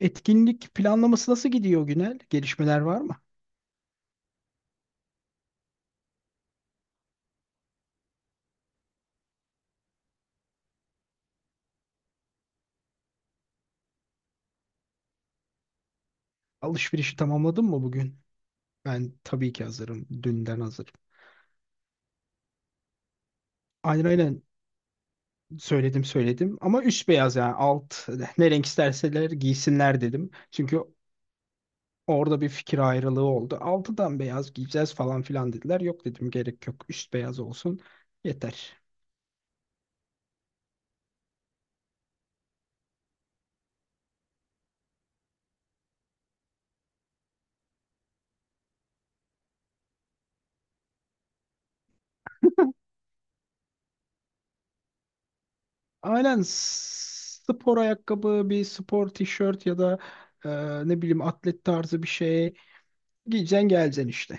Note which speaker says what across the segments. Speaker 1: Etkinlik planlaması nasıl gidiyor Günel? Gelişmeler var mı? Alışverişi tamamladın mı bugün? Ben tabii ki hazırım. Dünden hazırım. Aynen aynen, söyledim söyledim ama üst beyaz, yani alt ne renk isterseler giysinler dedim. Çünkü orada bir fikir ayrılığı oldu. Altıdan beyaz giyeceğiz falan filan dediler. Yok dedim, gerek yok. Üst beyaz olsun. Yeter. Aynen, spor ayakkabı, bir spor tişört ya da e, ne bileyim atlet tarzı bir şey giyeceksin geleceksin işte.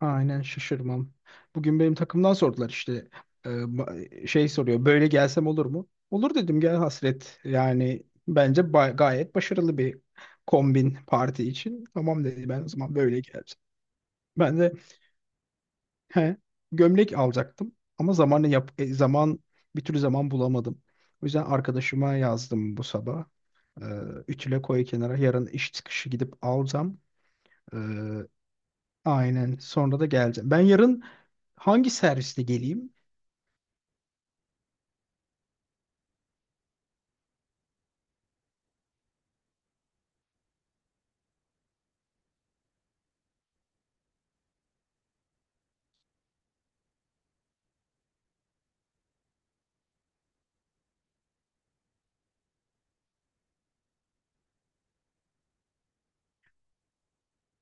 Speaker 1: Aynen, şaşırmam. Bugün benim takımdan sordular, işte şey soruyor, böyle gelsem olur mu? Olur dedim, gel hasret. Yani bence ba- gayet başarılı bir kombin parti için. Tamam dedi, ben o zaman böyle geleceğim. Ben de he, gömlek alacaktım ama zamanı yap zaman bir türlü zaman bulamadım. O yüzden arkadaşıma yazdım bu sabah. E, Ütüle koy kenara, yarın iş çıkışı gidip alacağım. E, aynen, sonra da geleceğim. Ben yarın hangi servisle geleyim?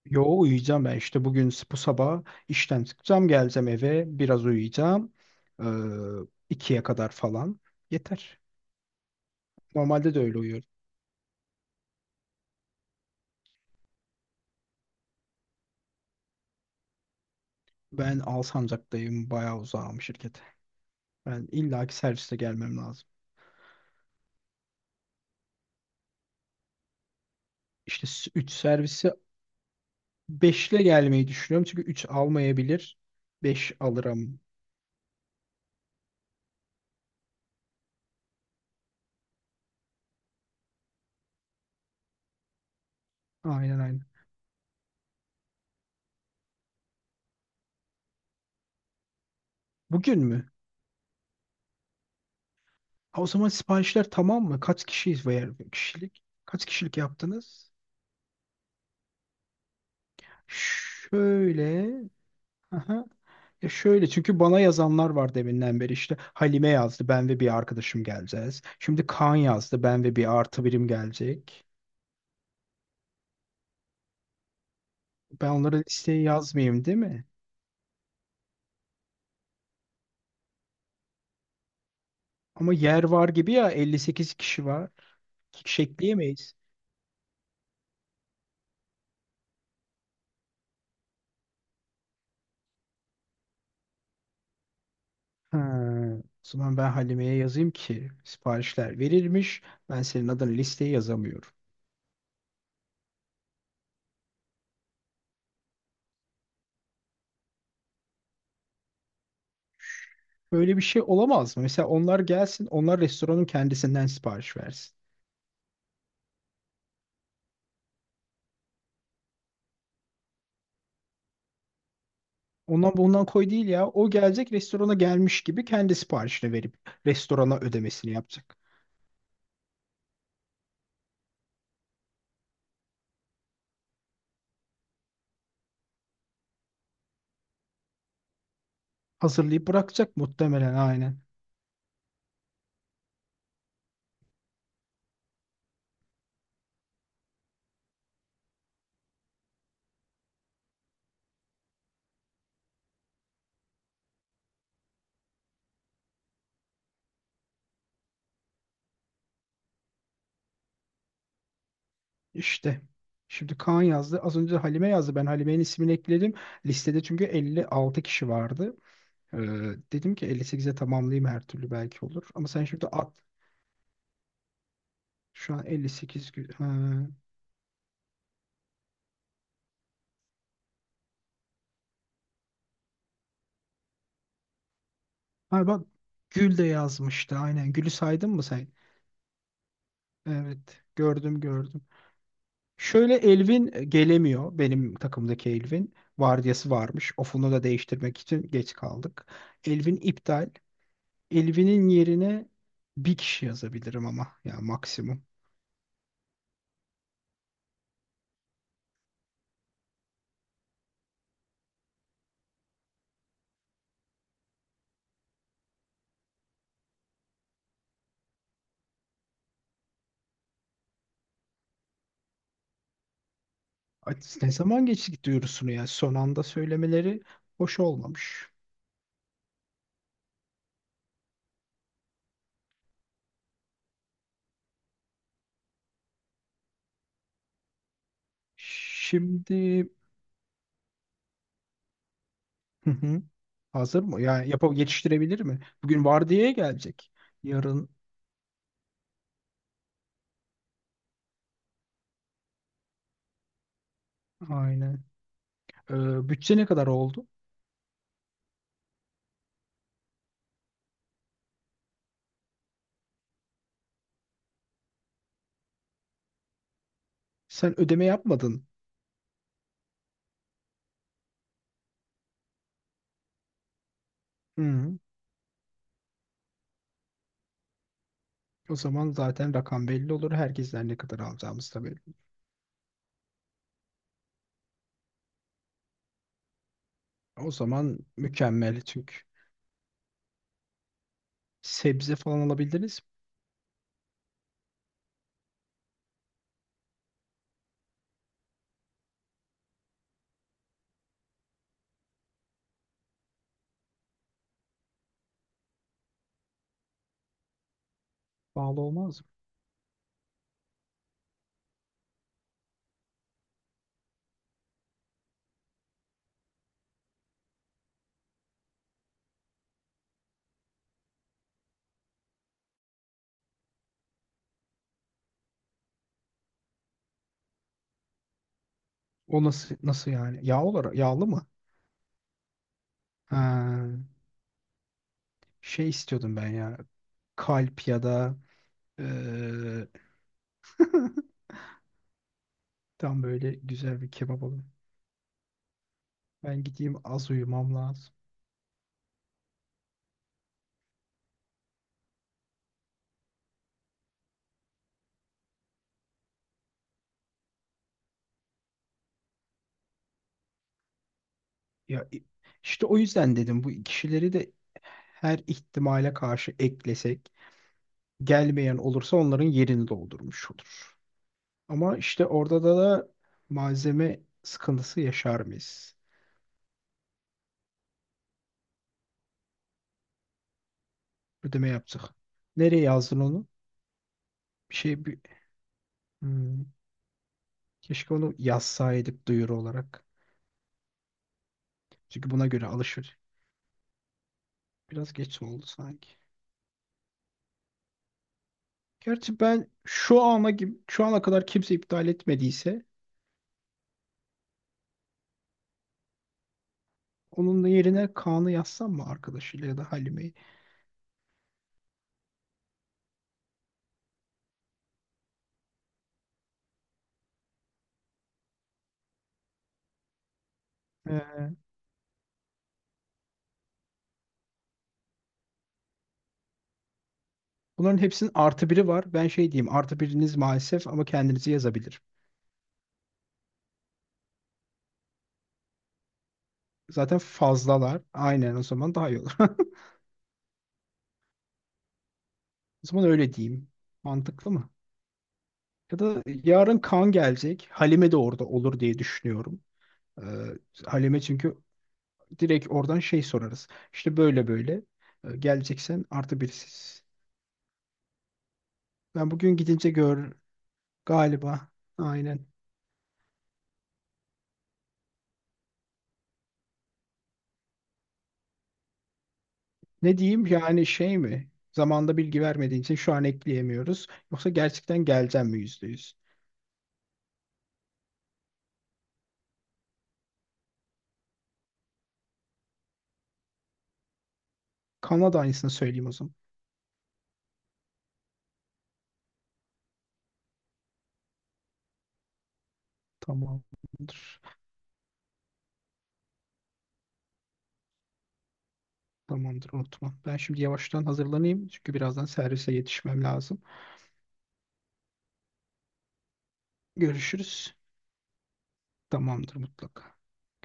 Speaker 1: Yo, uyuyacağım ben. İşte bugün bu sabah işten çıkacağım, geleceğim eve, biraz uyuyacağım ee, ikiye kadar falan, yeter. Normalde de öyle uyuyorum. Ben Alsancak'tayım, bayağı uzağım şirkete. Ben illaki serviste gelmem lazım. İşte 3 servisi 5 ile gelmeyi düşünüyorum çünkü üç almayabilir, 5 alırım. Aynen aynen. Bugün mü? Ha, o zaman siparişler tamam mı? Kaç kişiyiz veya kişilik? Kaç kişilik yaptınız? Şöyle. Aha. E şöyle, çünkü bana yazanlar var deminden beri. İşte Halime yazdı, ben ve bir arkadaşım geleceğiz. Şimdi Kaan yazdı, ben ve bir artı birim gelecek. Ben onlara listeyi yazmayayım değil mi? Ama yer var gibi ya, 58 kişi var. İki kişi ekleyemeyiz. Ha, o zaman ben Halime'ye yazayım ki siparişler verilmiş. Ben senin adına listeye yazamıyorum. Böyle bir şey olamaz mı? Mesela onlar gelsin, onlar restoranın kendisinden sipariş versin. Ondan bundan koy değil ya. O gelecek, restorana gelmiş gibi kendi siparişini verip restorana ödemesini yapacak. Hazırlayıp bırakacak muhtemelen, aynen. İşte. Şimdi Kaan yazdı. Az önce Halime yazdı. Ben Halime'nin ismini ekledim listede, çünkü 56 kişi vardı. Ee, dedim ki 58'e tamamlayayım, her türlü belki olur. Ama sen şimdi at, şu an 58 gül. Ha. Ha bak, Gül de yazmıştı. Aynen. Gül'ü saydın mı sen? Evet. Gördüm gördüm. Şöyle, Elvin gelemiyor. Benim takımdaki Elvin. Vardiyası varmış. Ofunu da değiştirmek için geç kaldık. Elvin iptal. Elvin'in yerine bir kişi yazabilirim ama. Ya maksimum. Ay, ne zaman geçtik duyurusunu ya. Son anda söylemeleri hoş olmamış. Şimdi... Hazır mı? Yani yapıp yetiştirebilir mi? Bugün vardiyaya gelecek. Yarın aynen. Bütçe ne kadar oldu? Sen ödeme yapmadın. Hı. O zaman zaten rakam belli olur. Herkesten ne kadar alacağımız da belli. O zaman mükemmel, çünkü sebze falan alabiliriz. Pahalı olmaz mı? O nasıl nasıl yani? Yağ olarak yağlı mı? Ha, şey istiyordum ben ya. Kalp ya da eee, tam böyle güzel bir kebap alayım. Ben gideyim, az uyumam lazım. Ya i- işte o yüzden dedim, bu kişileri de her ihtimale karşı eklesek, gelmeyen olursa onların yerini doldurmuş olur. Ama işte orada da malzeme sıkıntısı yaşar mıyız? Ödeme yaptık. Nereye yazdın onu? Bir şey bir, hmm, keşke onu yazsaydık duyuru olarak. Çünkü buna göre alışır. Biraz geç oldu sanki. Gerçi ben şu ana kadar kimse iptal etmediyse, onun yerine Kaan'ı yazsam mı arkadaşıyla ya da Halime'yi? Ee, Bunların hepsinin artı biri var. Ben şey diyeyim, artı biriniz maalesef, ama kendinizi yazabilir. Zaten fazlalar. Aynen, o zaman daha iyi olur. O zaman öyle diyeyim. Mantıklı mı? Ya da yarın Kaan gelecek. Halime de orada olur diye düşünüyorum. Ee, Halime çünkü direkt oradan şey sorarız. İşte böyle böyle. Geleceksen artı birisiz. Ben bugün gidince gör galiba. Aynen. Ne diyeyim yani, şey mi? Zamanda bilgi vermediğin için şu an ekleyemiyoruz. Yoksa gerçekten geleceğim mi, yüzde yüz? Kanada aynısını söyleyeyim o zaman. Tamamdır. Tamamdır, unutma. Ben şimdi yavaştan hazırlanayım, çünkü birazdan servise yetişmem lazım. Görüşürüz. Tamamdır mutlaka.